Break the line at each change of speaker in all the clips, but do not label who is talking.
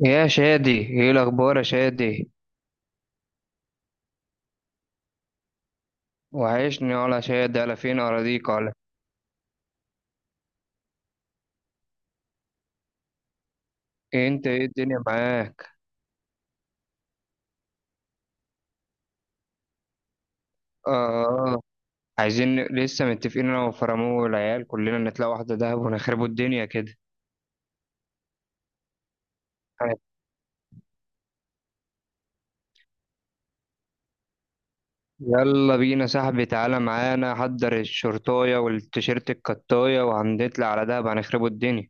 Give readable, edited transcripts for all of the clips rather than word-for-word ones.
يا شادي ايه الاخبار يا شادي؟ وحشني ولا شادي، على فين اراضيك ولا؟ إيه، انت ايه الدنيا معاك؟ اه. آه. عايزين لسه متفقين انا وفرامو والعيال، كلنا نطلع واحده دهب ونخربوا الدنيا كده. طيب، يلا بينا صاحبي، تعالى معانا، حضر الشرطايه والتيشيرت الكطايه وهنطلع على دهب هنخربوا الدنيا.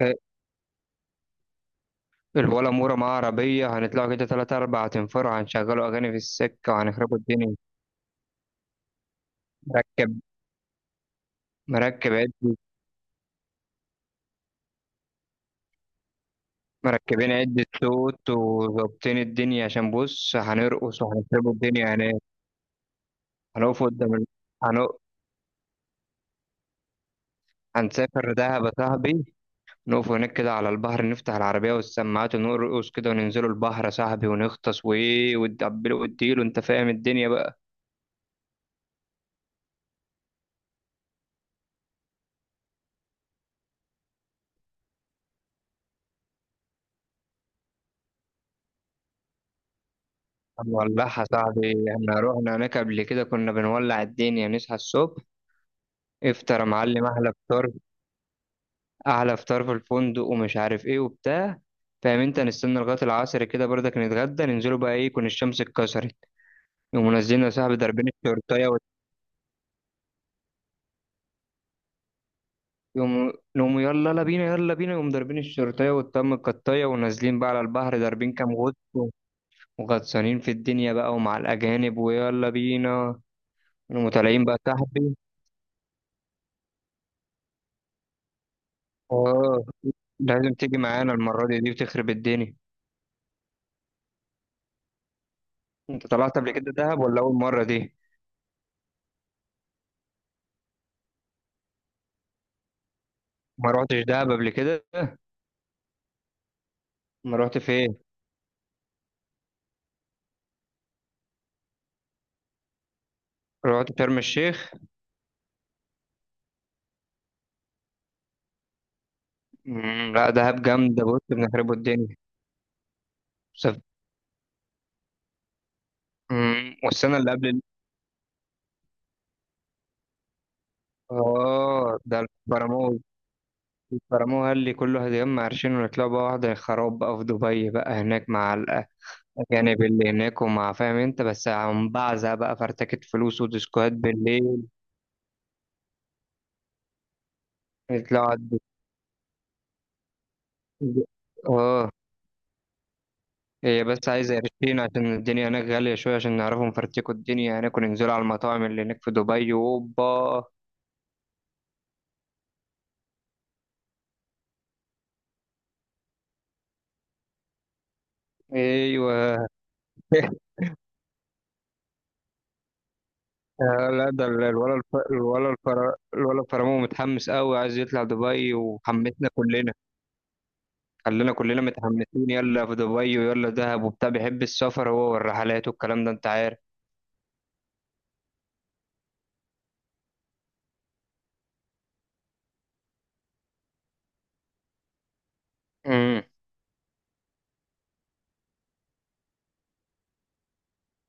إيه، الولا مورا معاه عربيه، هنطلعوا كده تلاتة أربعة تنفروا، هنشغلوا اغاني في السكه وهنخربوا الدنيا. مركب مركب عد مركبين عدة صوت وظابطين الدنيا، عشان بص هنرقص وهنسيبوا الدنيا هناك. هنقف قدام ال... هنق... هنسافر دهب يا صاحبي، نقف هناك كده على البحر، نفتح العربية والسماعات ونرقص كده وننزلوا البحر يا صاحبي، ونغطس وإيه وتدبلوا وتديلوا، أنت فاهم الدنيا بقى. هنولعها يا صاحبي، احنا رحنا هناك قبل كده كنا بنولع الدنيا، نصحى الصبح افطر يا معلم، أحلى فطار، احلى فطار في الفندق ومش عارف ايه وبتاع. فاهم انت، نستنى لغايه العصر كده برضك، نتغدى ننزلوا بقى ايه يكون الشمس اتكسرت. يقوموا نازلين يا صاحبي ضاربين الشورتايه وال- يقوموا يلا لا بينا يلا بينا، يقوموا ضاربين الشورتايه والطم القطايه ونازلين بقى على البحر، ضاربين كام غطس وغطسانين في الدنيا بقى ومع الاجانب ويلا بينا. يقوموا طالعين بقى يا صاحبي. اه. لازم تيجي معانا المره دي، دي بتخرب الدنيا. انت طلعت قبل كده دهب ولا اول مره دي؟ ما روحتش دهب قبل كده؟ ما روحت فين؟ رحت شرم الشيخ؟ لا، دهب جامدة، بص بنخربوا الدنيا. سف... والسنة اللي قبل ال- اه ده، البرامو البرامو قال لي كله هيتجمع عرشين، ونطلع بقى واحدة خراب بقى في دبي بقى هناك مع الأجانب اللي هناك، ومع فاهم أنت بس عم بعزة بقى، فرتكة فلوس وديسكوهات بالليل. يطلعوا على الديسكو. اه. هي بس عايزة قرشين، عشان الدنيا هناك غالية شوية، عشان نعرفوا نفرتكوا الدنيا هناك وننزلوا على المطاعم اللي هناك في دبي وأوبا. أيوه. آه، لا ده الفرامو متحمس قوي، عايز يطلع دبي وحمسنا كلنا. خلينا كلنا متحمسين، يلا في دبي ويلا دهب وبتاع، بيحب السفر هو والرحلات والكلام ده انت عارف. امم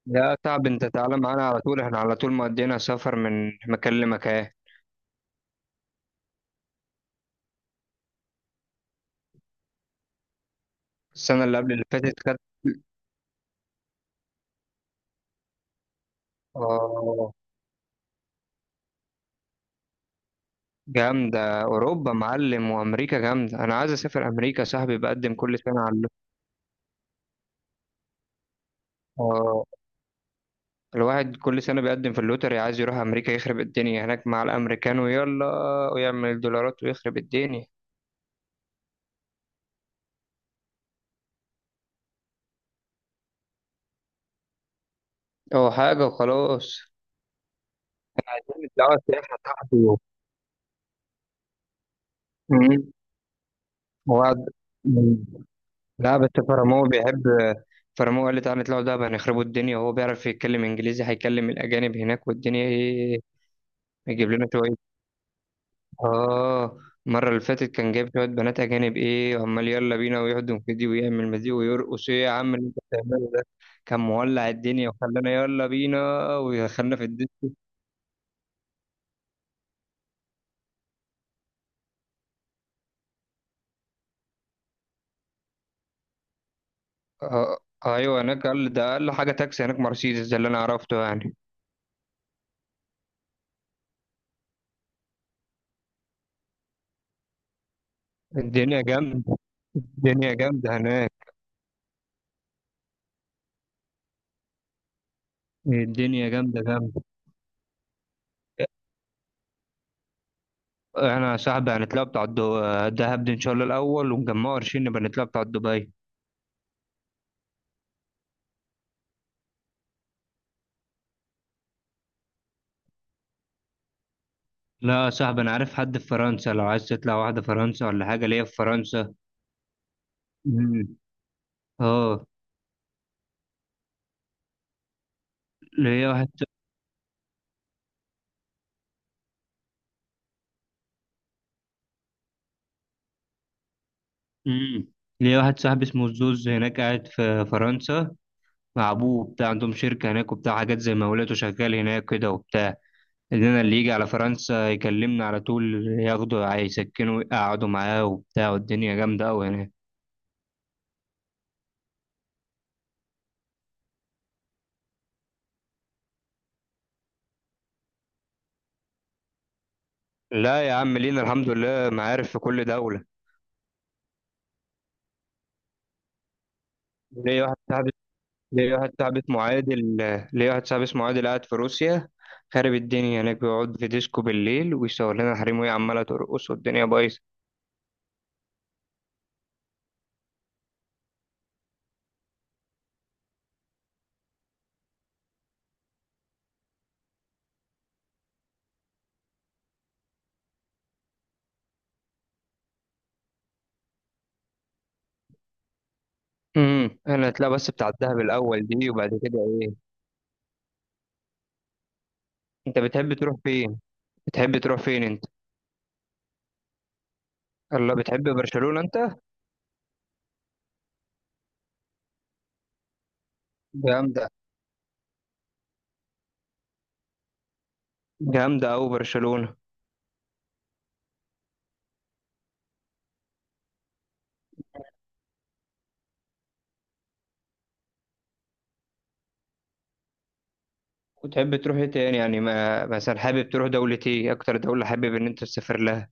يا صعب انت، تعالى معانا على طول، احنا على طول مقضينا سفر من مكان لمكان. السنة اللي قبل اللي فاتت كانت. اه. جامدة، أوروبا معلم وأمريكا جامدة، أنا عايز أسافر أمريكا صاحبي، بقدم كل سنة على. اه. الواحد كل سنة بيقدم في اللوتري، عايز يروح أمريكا يخرب الدنيا هناك مع الأمريكان، ويلا ويعمل دولارات ويخرب الدنيا. هو حاجة وخلاص، دعوة سياحة بتاعته. مم. وقعد. مم. لا بس فرامو بيحب، فرامو قال لي تعالى نطلعوا دهب، هنخربوا الدنيا، وهو بيعرف يتكلم إنجليزي، هيكلم الأجانب هناك والدنيا إيه، يجيب لنا شوية. اه. المرة اللي فاتت كان جايب شوية بنات أجانب، إيه وعمال يلا بينا، ويهدم في دي ويعمل مزيق ويرقص، إيه يا عم اللي أنت بتعمله ده. كان مولع الدنيا وخلانا يلا بينا، ودخلنا في الدنيا. آه. أيوه، هناك قال ده أقل حاجة تاكسي هناك مرسيدس، ده اللي أنا عرفته يعني. الدنيا جامدة، الدنيا جامدة هناك. الدنيا جامدة جامدة. احنا يا صاحبي هنطلع بتاع الدهب دي ان شاء الله الاول، ونجمعه قرشين نبقى نطلع بتاع دبي. لا يا صاحبي، انا عارف حد في فرنسا، لو عايز تطلع واحده فرنسا ولا حاجه، ليا في فرنسا. مم. اه. ليا واحد امم ليا واحد صاحبي اسمه زوز هناك قاعد في فرنسا، مع ابوه بتاع عندهم شركة هناك وبتاع، حاجات زي مولات شغال هناك كده وبتاع. اننا اللي يجي على فرنسا يكلمنا على طول، ياخده يسكنه ويقعدوا معاه وبتاع، والدنيا جامدة قوي هناك. لا يا عم، لينا الحمد لله معارف في كل دولة. ليا واحد صاحبي ليا واحد صاحبي اسمه عادل ليا واحد صاحبي اسمه عادل قاعد في روسيا، خارب الدنيا هناك، بيقعد في ديسكو بالليل ويصور لنا حريم، وهي عمالة ترقص والدنيا بايظة. انا هتلاقي بس بتاع الدهب الاول دي، وبعد كده ايه. انت بتحب تروح فين؟ بتحب تروح فين انت؟ الله، بتحب برشلونة انت؟ جامدة، جامدة أوي برشلونة. وتحب تروح ايه تاني يعني، ما مثلا حابب تروح دولة ايه، اكتر دولة حابب ان انت تسافر لها؟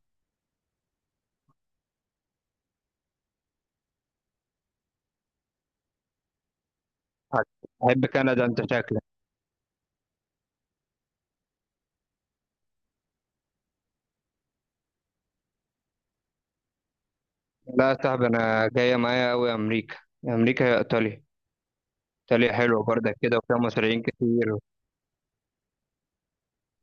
تحب كندا انت شكلك؟ لا يا صاحبي، انا جاية معايا أوي امريكا، امريكا يا ايطاليا، ايطاليا حلوة برضك كده وفيها مصريين كتير.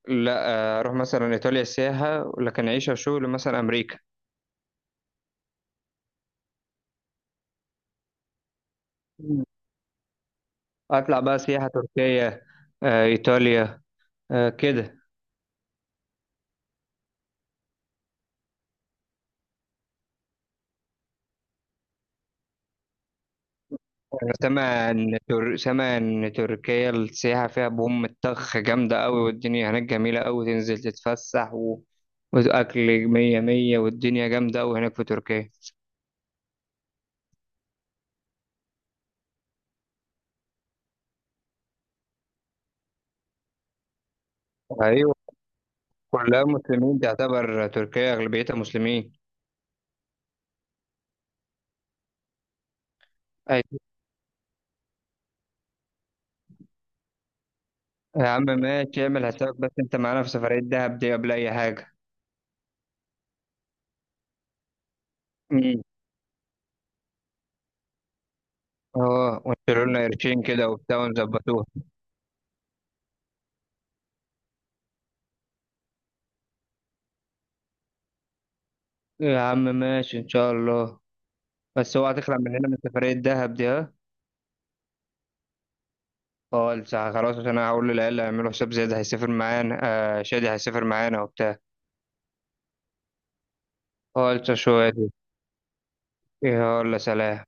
لا. آه، اروح مثلا ايطاليا سياحة، لكن عيشة وشغل مثلا امريكا. اطلع بقى سياحة تركيا. آه، ايطاليا. آه، كده. انا سامع سامع ان تركيا السياحة فيها بوم الطخ جامدة قوي، والدنيا هناك جميلة قوي، تنزل تتفسح واكل مية مية، والدنيا جامدة قوي هناك في تركيا. ايوه. كلها مسلمين، تعتبر تركيا اغلبيتها مسلمين. أيوة. يا عم ماشي، اعمل حسابك بس انت معانا في سفرية دهب دي قبل اي حاجة. امم. اه، وانشروا لنا قرشين كده وبتاع ونظبطوها. يا عم ماشي ان شاء الله. بس هو هتخلع مننا من سفرية دهب دي ها؟ اه لسه خلاص، عشان انا هقول للعيال يعملوا حساب زياد هيسافر معانا، آه شادي هيسافر معانا وبتاع. اه لسه شوية دي. ايه ولا، سلام.